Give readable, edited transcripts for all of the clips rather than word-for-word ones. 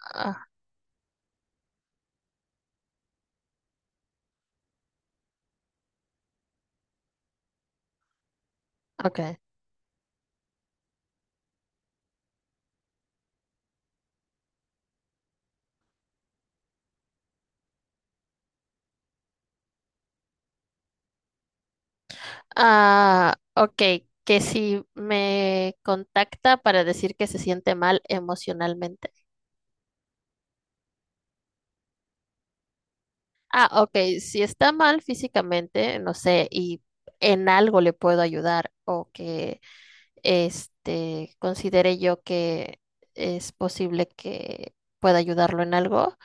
Ah, okay. Ah, okay, que si me contacta para decir que se siente mal emocionalmente. Ah, ok, si está mal físicamente, no sé, y en algo le puedo ayudar o que este considere yo que es posible que pueda ayudarlo en algo.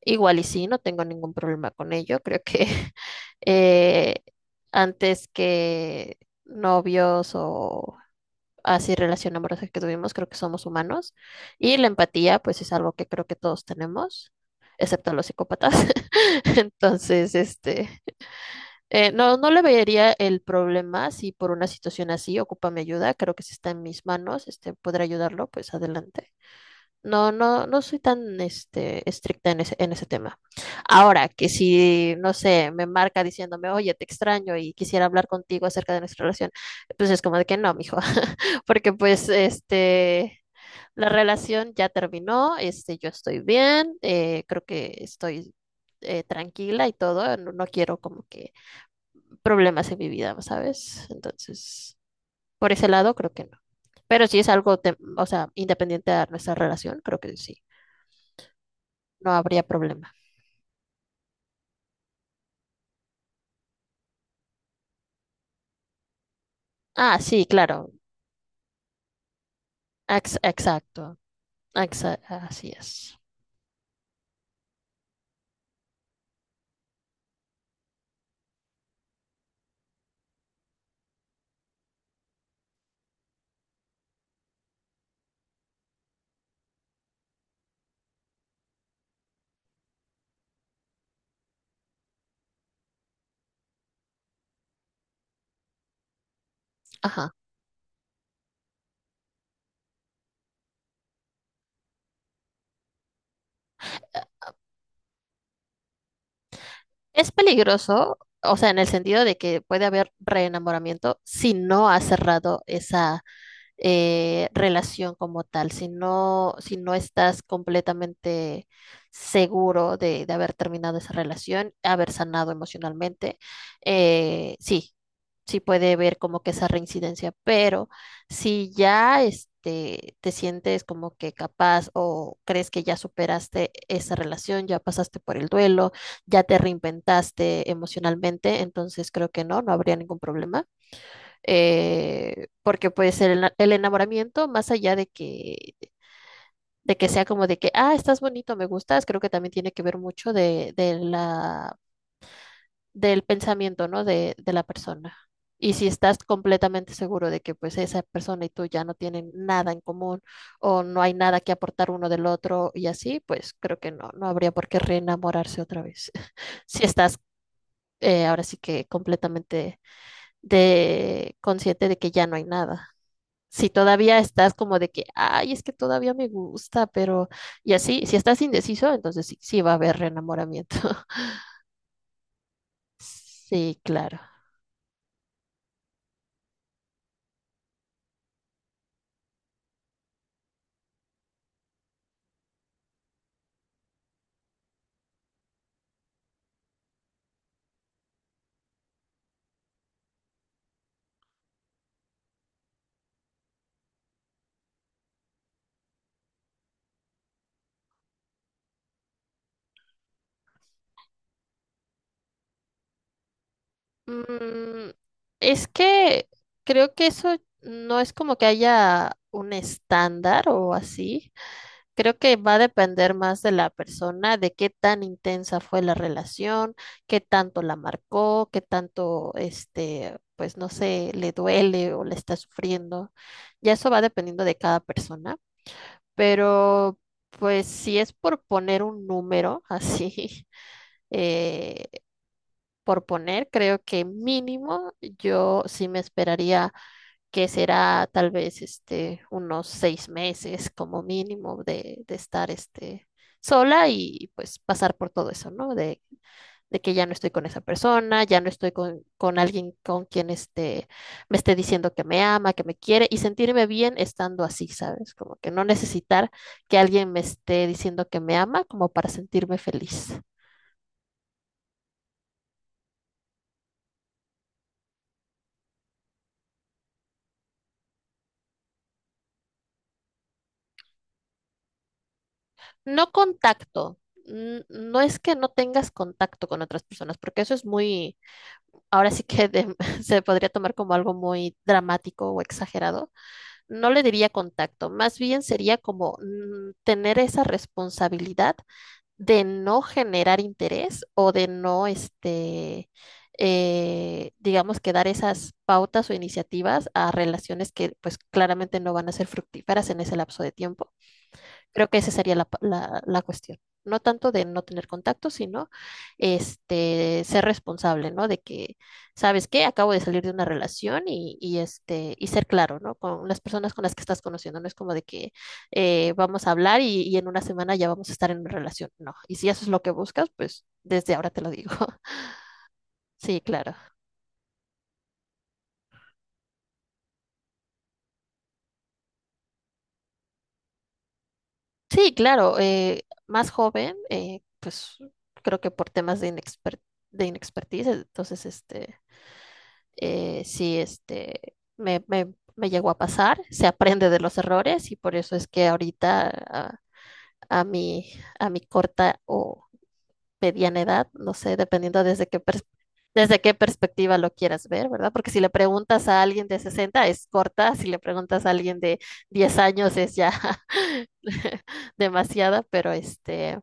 Igual y sí, no tengo ningún problema con ello. Creo que eh, antes que novios o así relación amorosa que tuvimos, creo que somos humanos. Y la empatía, pues es algo que creo que todos tenemos, excepto los psicópatas. Entonces, no, no le vería el problema si por una situación así ocupa mi ayuda. Creo que si está en mis manos, este, poder ayudarlo, pues adelante. No, no, no soy tan este, estricta en ese tema. Ahora, que si, no sé, me marca diciéndome, oye, te extraño y quisiera hablar contigo acerca de nuestra relación, pues es como de que no, mijo, porque pues este, la relación ya terminó, este, yo estoy bien, creo que estoy tranquila y todo, no, no quiero como que problemas en mi vida, ¿sabes? Entonces, por ese lado, creo que no. Pero si es algo, o sea, independiente de nuestra relación, creo que sí no habría problema. Ah, sí, claro. Exacto. Así es. Ajá. Es peligroso, o sea, en el sentido de que puede haber reenamoramiento si no has cerrado esa relación como tal, si no estás completamente seguro de haber terminado esa relación, haber sanado emocionalmente, sí, sí puede haber como que esa reincidencia. Pero si ya este, te sientes como que capaz o crees que ya superaste esa relación, ya pasaste por el duelo, ya te reinventaste emocionalmente, entonces creo que no, no habría ningún problema porque pues el enamoramiento, más allá de que sea como de que, ah, estás bonito, me gustas, creo que también tiene que ver mucho del pensamiento, ¿no? De la persona. Y si estás completamente seguro de que pues esa persona y tú ya no tienen nada en común o no hay nada que aportar uno del otro y así, pues creo que no, no habría por qué reenamorarse otra vez. Si estás ahora sí que completamente consciente de que ya no hay nada. Si todavía estás como de que, ay, es que todavía me gusta, pero y así, si estás indeciso, entonces sí, sí va a haber reenamoramiento. Sí, claro. Mm, es que creo que eso no es como que haya un estándar o así. Creo que va a depender más de la persona, de qué tan intensa fue la relación, qué tanto la marcó, qué tanto, este, pues no sé, le duele o le está sufriendo. Ya eso va dependiendo de cada persona, pero pues si es por poner un número así, eh, por poner, creo que mínimo yo sí me esperaría que será tal vez este, unos 6 meses como mínimo de estar este, sola y pues pasar por todo eso, ¿no? De que ya no estoy con esa persona, ya no estoy con alguien con quien este, me esté diciendo que me ama, que me quiere y sentirme bien estando así, ¿sabes? Como que no necesitar que alguien me esté diciendo que me ama como para sentirme feliz. No contacto. No es que no tengas contacto con otras personas, porque eso es muy, ahora sí que se podría tomar como algo muy dramático o exagerado. No le diría contacto, más bien sería como mm, tener esa responsabilidad de no generar interés o de no, este, digamos que dar esas pautas o iniciativas a relaciones que pues claramente no van a ser fructíferas en ese lapso de tiempo. Creo que esa sería la cuestión. No tanto de no tener contacto, sino este, ser responsable, ¿no? De que, ¿sabes qué? Acabo de salir de una relación y este, y ser claro, ¿no? Con las personas con las que estás conociendo. No es como de que vamos a hablar y en una semana ya vamos a estar en una relación. No. Y si eso es lo que buscas, pues desde ahora te lo digo. Sí, claro. Sí, claro. Eh, más joven, pues creo que por temas de de inexpertise, entonces este sí, este, me llegó a pasar. Se aprende de los errores y por eso es que ahorita a mi, a mi corta o mediana edad, no sé, dependiendo desde desde qué perspectiva lo quieras ver, ¿verdad? Porque si le preguntas a alguien de 60 es corta, si le preguntas a alguien de 10 años es ya demasiada, pero este...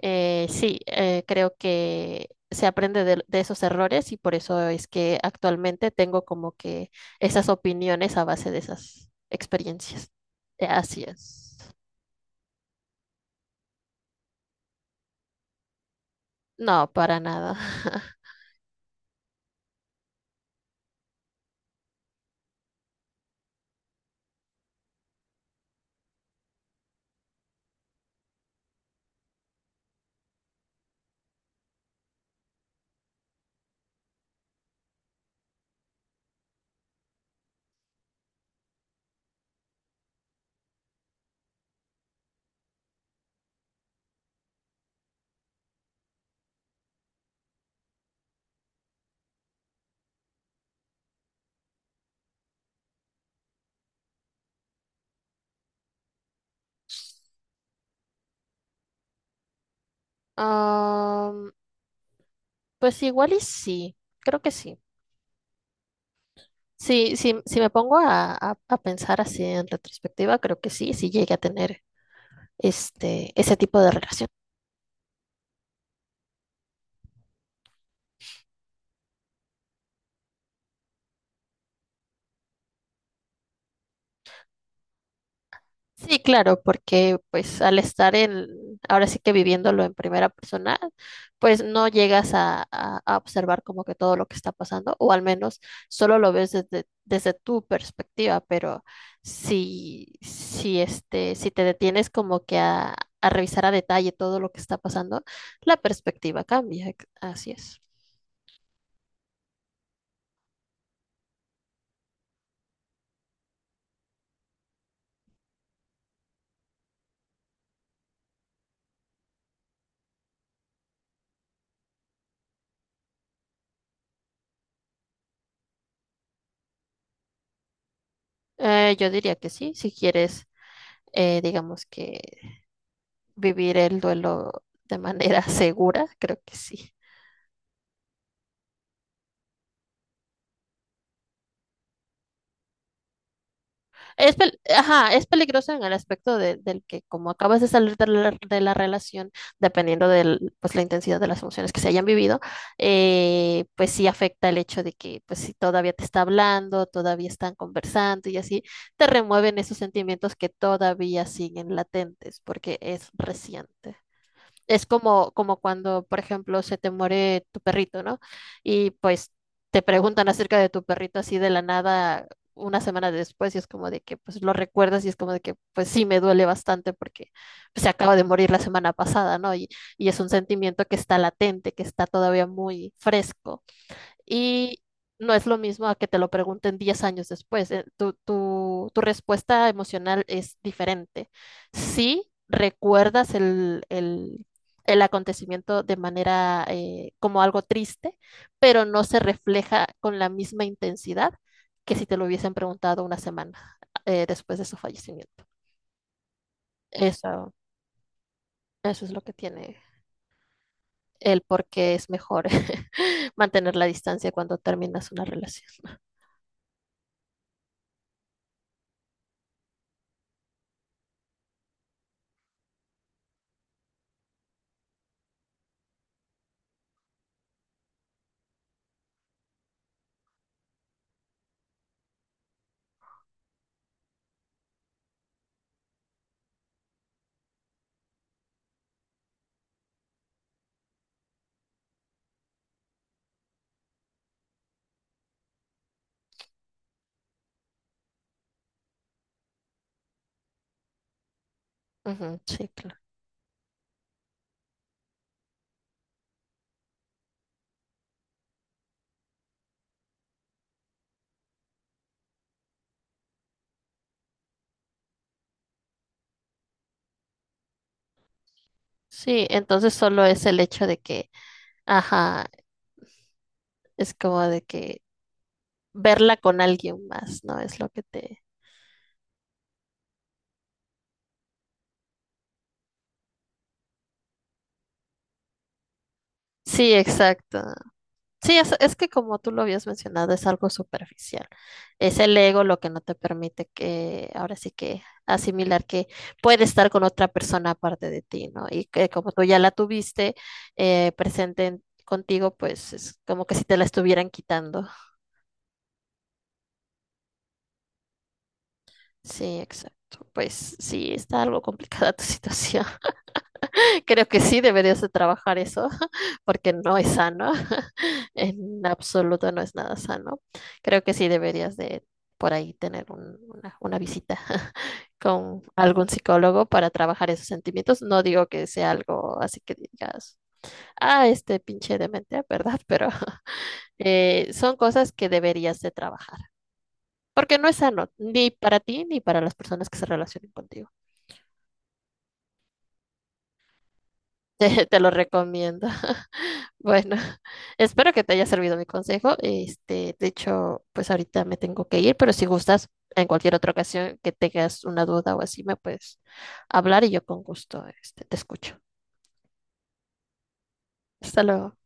Sí, creo que se aprende de esos errores y por eso es que actualmente tengo como que esas opiniones a base de esas experiencias. Así es. No, para nada. Am, pues igual y sí, creo que sí. Sí, sí, si me pongo a pensar así en retrospectiva, creo que sí, sí llegué a tener este, ese tipo de relación. Sí, claro, porque pues al estar en, ahora sí que viviéndolo en primera persona, pues no llegas a observar como que todo lo que está pasando, o al menos solo lo ves desde tu perspectiva, pero si este, si te detienes como que a revisar a detalle todo lo que está pasando, la perspectiva cambia, así es. Yo diría que sí, si quieres, digamos que vivir el duelo de manera segura, creo que sí. Es, ajá, es peligroso en el aspecto del que como acabas de salir de de la relación, dependiendo de pues, la intensidad de las emociones que se hayan vivido, pues sí afecta el hecho de que pues si todavía te está hablando, todavía están conversando y así, te remueven esos sentimientos que todavía siguen latentes porque es reciente. Es como, como cuando, por ejemplo, se te muere tu perrito, ¿no? Y pues te preguntan acerca de tu perrito así de la nada una semana después y es como de que pues lo recuerdas y es como de que pues sí me duele bastante porque pues, se acaba de morir la semana pasada, ¿no? Y es un sentimiento que está latente, que está todavía muy fresco. Y no es lo mismo a que te lo pregunten 10 años después. Eh, tu respuesta emocional es diferente. Sí, recuerdas el acontecimiento de manera como algo triste, pero no se refleja con la misma intensidad que si te lo hubiesen preguntado una semana después de su fallecimiento. Eso, eso es lo que tiene el por qué es mejor mantener la distancia cuando terminas una relación. Ujú, sí, claro. Sí, entonces solo es el hecho de que, ajá, es como de que verla con alguien más, ¿no? Es lo que te... Sí, exacto. Sí, es que como tú lo habías mencionado, es algo superficial. Es el ego lo que no te permite que, ahora sí que asimilar que puede estar con otra persona aparte de ti, ¿no? Y que como tú ya la tuviste contigo, pues es como que si te la estuvieran quitando. Sí, exacto. Pues sí, está algo complicada tu situación. Creo que sí deberías de trabajar eso, porque no es sano, en absoluto no es nada sano. Creo que sí deberías de por ahí tener una visita con algún psicólogo para trabajar esos sentimientos. No digo que sea algo así que digas, ah, este pinche demente, ¿verdad? Pero son cosas que deberías de trabajar, porque no es sano, ni para ti ni para las personas que se relacionen contigo. Te lo recomiendo. Bueno, espero que te haya servido mi consejo. Este, de hecho, pues ahorita me tengo que ir, pero si gustas, en cualquier otra ocasión que tengas una duda o así, me puedes hablar y yo con gusto, este, te escucho. Hasta luego.